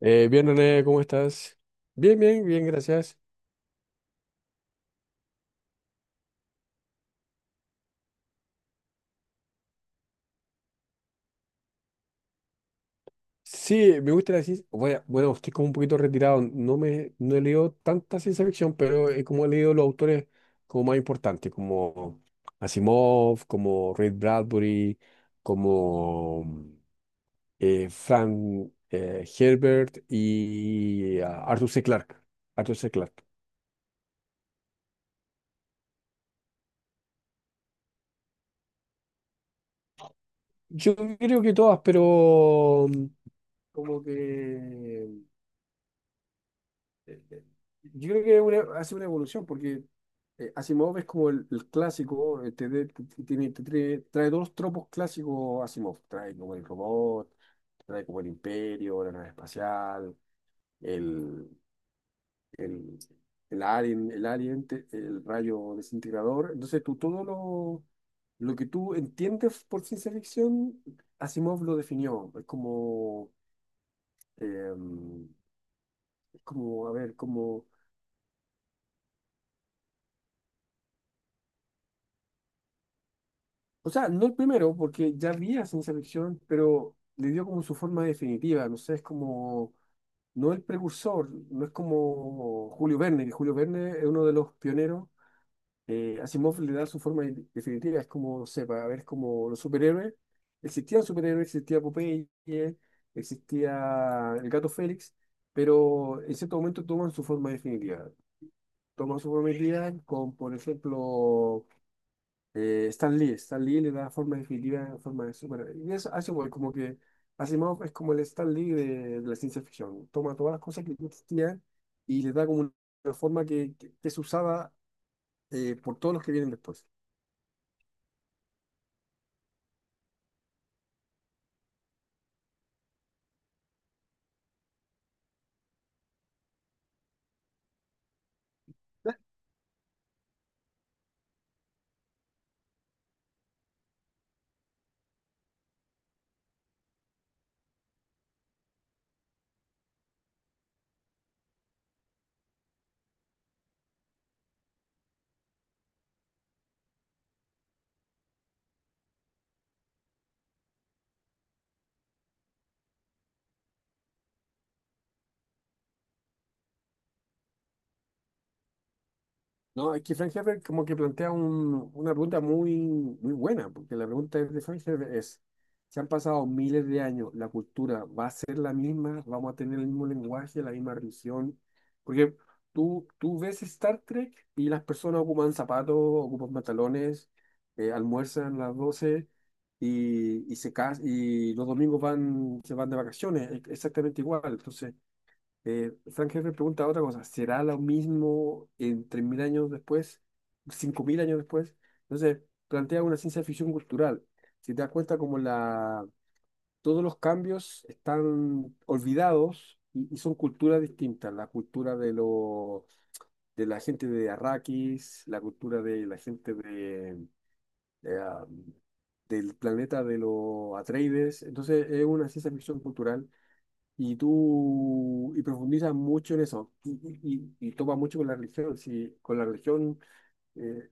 Bien, René, ¿cómo estás? Bien, bien, bien, gracias. Sí, me gusta la ciencia. Bueno, bueno, estoy como un poquito retirado. No he leído tanta ciencia ficción, pero he como he leído los autores como más importantes, como Asimov, como Ray Bradbury, como Frank Herbert y Arthur C. Clarke. Arthur C. Clarke. Yo creo que todas, pero como que eh, eh, yo creo que hace una evolución, porque Asimov es como el clásico, te, de- te- te- tiene- te trae, trae todos los tropos clásicos Asimov, trae como el robot, trae como el imperio, la nave espacial, el, el, el alien, el alien, el rayo desintegrador. Entonces tú lo que tú entiendes por ciencia ficción, Asimov lo definió. Es como, em, es como, a ver, como... O sea, no el primero, porque ya había ciencia ficción, pero le dio como su forma definitiva. No sé, es como, no el precursor, no es como Julio Verne, que Julio Verne es uno de los pioneros. Asimov le da su definitiva, es como, no sé, para ver, es como los superhéroes. Existían superhéroes, existía Popeye, existía el Gato Félix, pero en cierto momento toman su forma definitiva. Toman su forma definitiva con, por ejemplo, Stan Lee le da forma definitiva, forma de super. Y eso hace igual, como que Asimov es como el Stan Lee de la ciencia ficción. Toma todas las cosas que ya existían y le da como una forma que es usada por todos los que vienen después. No, es que Frank Herbert como que plantea una pregunta muy, muy buena, porque la pregunta es de Frank Herbert es, se han pasado miles de años, ¿la cultura va a ser la misma? ¿Vamos a tener el mismo lenguaje, la misma religión? Porque tú ves Star Trek y las personas ocupan zapatos, ocupan pantalones, almuerzan a las 12 y los domingos van, se van de vacaciones, e- exactamente igual. Entonces, Frank Herbert pregunta otra cosa, ¿será lo mismo en 3000 años después, 5000 años después? Entonces, plantea una ciencia ficción cultural. Si te das cuenta como todos los cambios están olvidados y son culturas distintas, la cultura de, lo, de la gente de Arrakis, la cultura de la gente de, eh, del planeta de los Atreides. Entonces, es una ciencia ficción cultural y y profundiza mucho en eso, y, y topa mucho con la religión, sí, eh,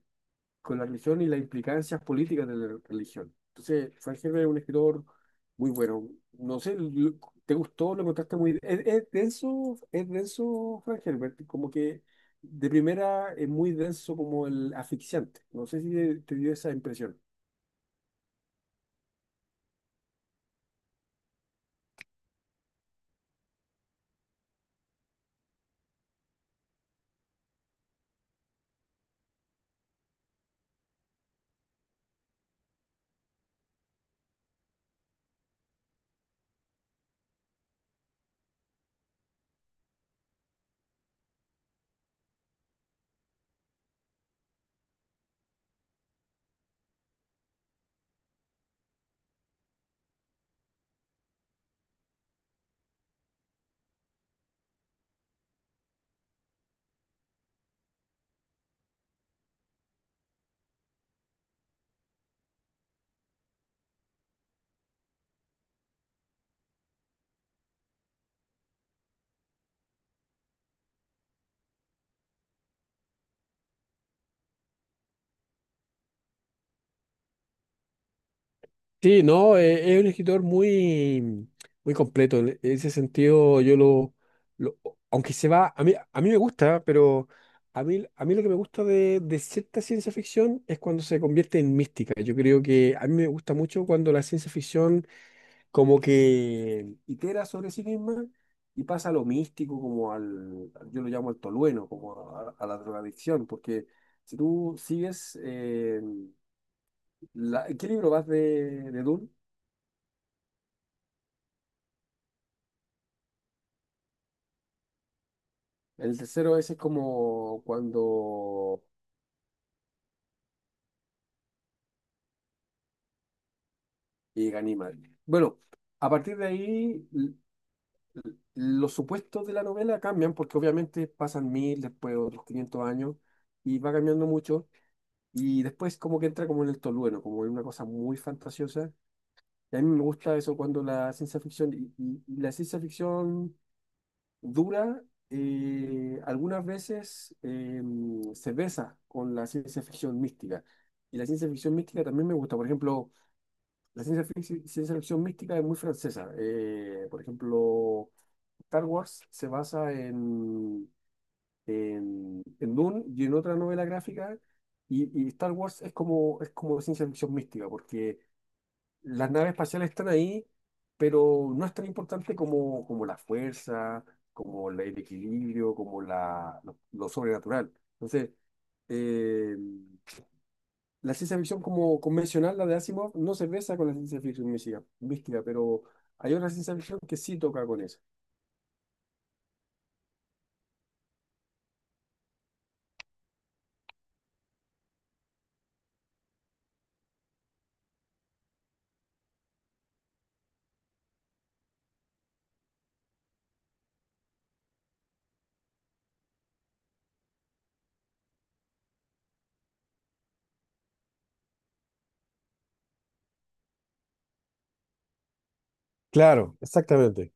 con la religión y las implicancias políticas de la religión. Entonces, Frank Herbert es un escritor muy bueno. No sé, lo- ¿te gustó? ¿Lo encontraste muy... es denso, Frank Herbert, como que de primera es muy denso como el asfixiante. No sé si te dio esa impresión. Sí, no, es un escritor muy, muy completo. En ese sentido, lo- aunque se va, a mí me gusta, pero a mí lo que me gusta de cierta ciencia ficción es cuando se convierte en mística. Yo creo que a mí me gusta mucho cuando la ciencia ficción como que itera sobre sí misma y pasa a lo místico, como al, yo lo llamo al tolueno, como a la drogadicción, porque si tú sigues, ¿qué libro vas de Dune? El tercero ese es como cuando llega animal. Bueno, a partir de ahí los supuestos de la novela cambian porque obviamente pasan mil, después otros 500 años y va cambiando mucho y después como que entra como en el tolueno, como en una cosa muy fantasiosa. Y a mí me gusta eso cuando la ciencia ficción y la ciencia ficción dura algunas veces se besa con la ciencia ficción mística. Y la ciencia ficción mística también me gusta. Por ejemplo, la ciencia ficción, mística es muy francesa. Por ejemplo, Star Wars se basa en Dune y en otra novela gráfica. Y Star Wars es como ciencia ficción mística, porque las naves espaciales están ahí, pero no es tan importante como, como la fuerza, como el equilibrio, como lo sobrenatural. Entonces, eh, la ciencia ficción como convencional, la de Asimov, no se besa con la ciencia ficción mística, mística, pero hay otra ciencia ficción que sí toca con eso. Claro, exactamente.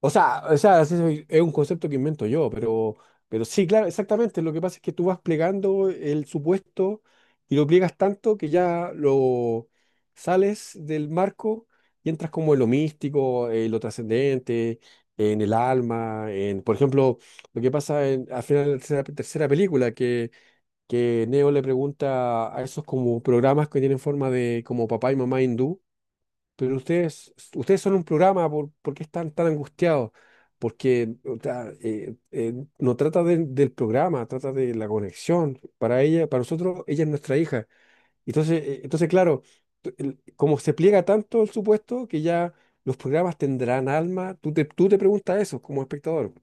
O sea, así es un concepto que invento yo, pero sí, claro, exactamente. Lo que pasa es que tú vas plegando el supuesto y lo pliegas tanto que ya lo sales del marco y entras como en lo místico, en lo trascendente, en el alma, en, por ejemplo, lo que pasa en, al final de la tercera película, que Neo le pregunta a esos como programas que tienen forma de como papá y mamá hindú, pero ustedes son un programa, ¿por qué están tan angustiados? Porque o sea, no del programa, trata de la conexión. Para ella, para nosotros, ella es nuestra hija. Entonces, entonces claro, como se pliega tanto el supuesto que ya los programas tendrán alma, tú te preguntas eso como espectador.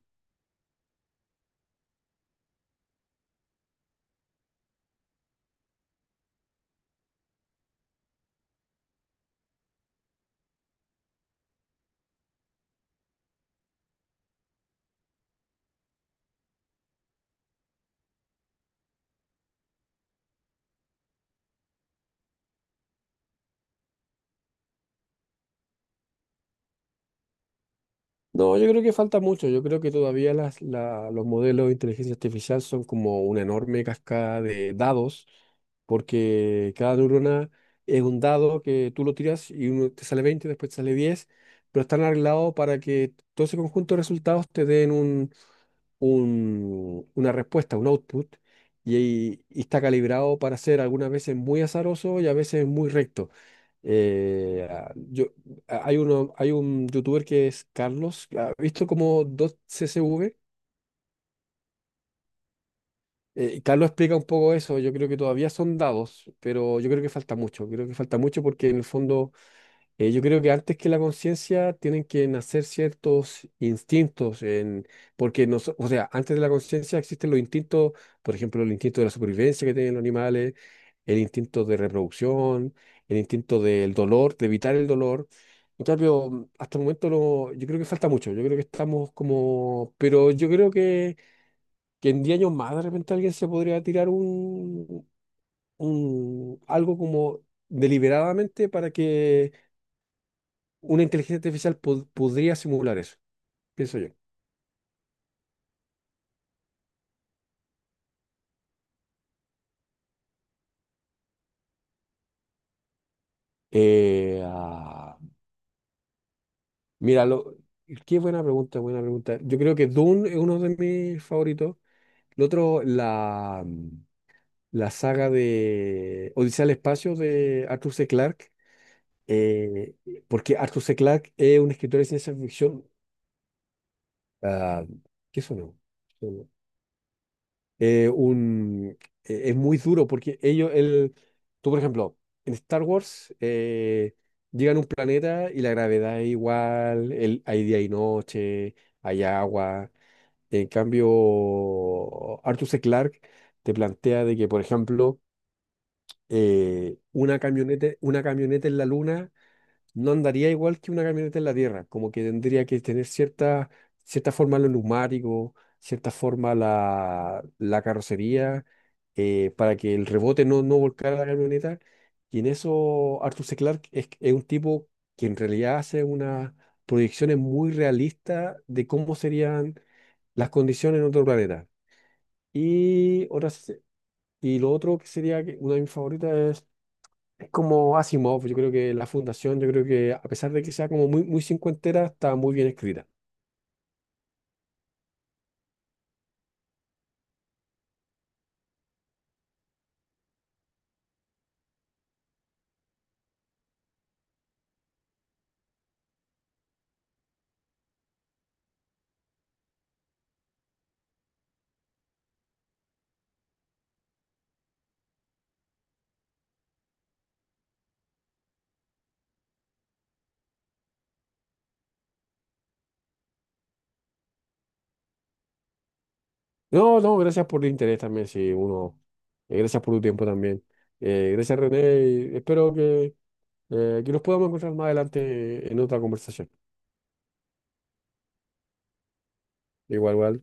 No, yo creo que falta mucho. Yo creo que todavía los modelos de inteligencia artificial son como una enorme cascada de dados, porque cada neurona es un dado que tú lo tiras y uno te sale 20, después te sale 10, pero están arreglados para que todo ese conjunto de resultados te den una respuesta, un output, y está calibrado para ser algunas veces muy azaroso y a veces muy recto. Eh, ah, yo, hay uno, hay un youtuber que es Carlos, ¿ha visto como dos CSV? Carlos explica un poco eso, yo creo que todavía son dados, pero yo creo que falta mucho, creo que falta mucho porque en el fondo yo creo que antes que la conciencia tienen que nacer ciertos instintos, o sea, antes de la conciencia existen los instintos, por ejemplo, el instinto de la supervivencia que tienen los animales, el instinto de reproducción, el instinto del dolor, de evitar el dolor. En cambio, hasta el momento no, yo creo que falta mucho, yo creo que estamos como, pero yo creo que en 10 años más de repente alguien se podría tirar un algo como deliberadamente para que una inteligencia artificial podría simular eso, pienso yo. Eh, ah, mira, qué buena pregunta, buena pregunta. Yo creo que Dune es uno de mis favoritos. El otro, la, la saga de Odisea al Espacio de Arthur C. Clarke, eh, porque Arthur C. Clarke es un escritor de ciencia ficción. ah, ¿qué sonó? eh, un, es muy duro porque tú por ejemplo, en Star Wars llegan a un planeta y la gravedad es igual, hay día y noche, hay agua. En cambio, Arthur C. Clarke te plantea de que, por ejemplo, una camioneta en la luna no andaría igual que una camioneta en la tierra, como que tendría que tener cierta, cierta forma los neumáticos, cierta forma la carrocería, para que el rebote no, no volcara la camioneta. Y en eso Arthur C. Clarke es un tipo que en realidad hace unas proyecciones muy realistas de cómo serían las condiciones en otro planeta. Y, otras, y lo otro que sería que una de mis favoritas como Asimov, yo creo que la fundación, yo creo que a pesar de que sea como muy, muy cincuentera, está muy bien escrita. No, no, gracias por el interés también, sí, uno. Gracias por tu tiempo también. Gracias, René. Y espero que nos podamos encontrar más adelante en otra conversación. Igual, igual.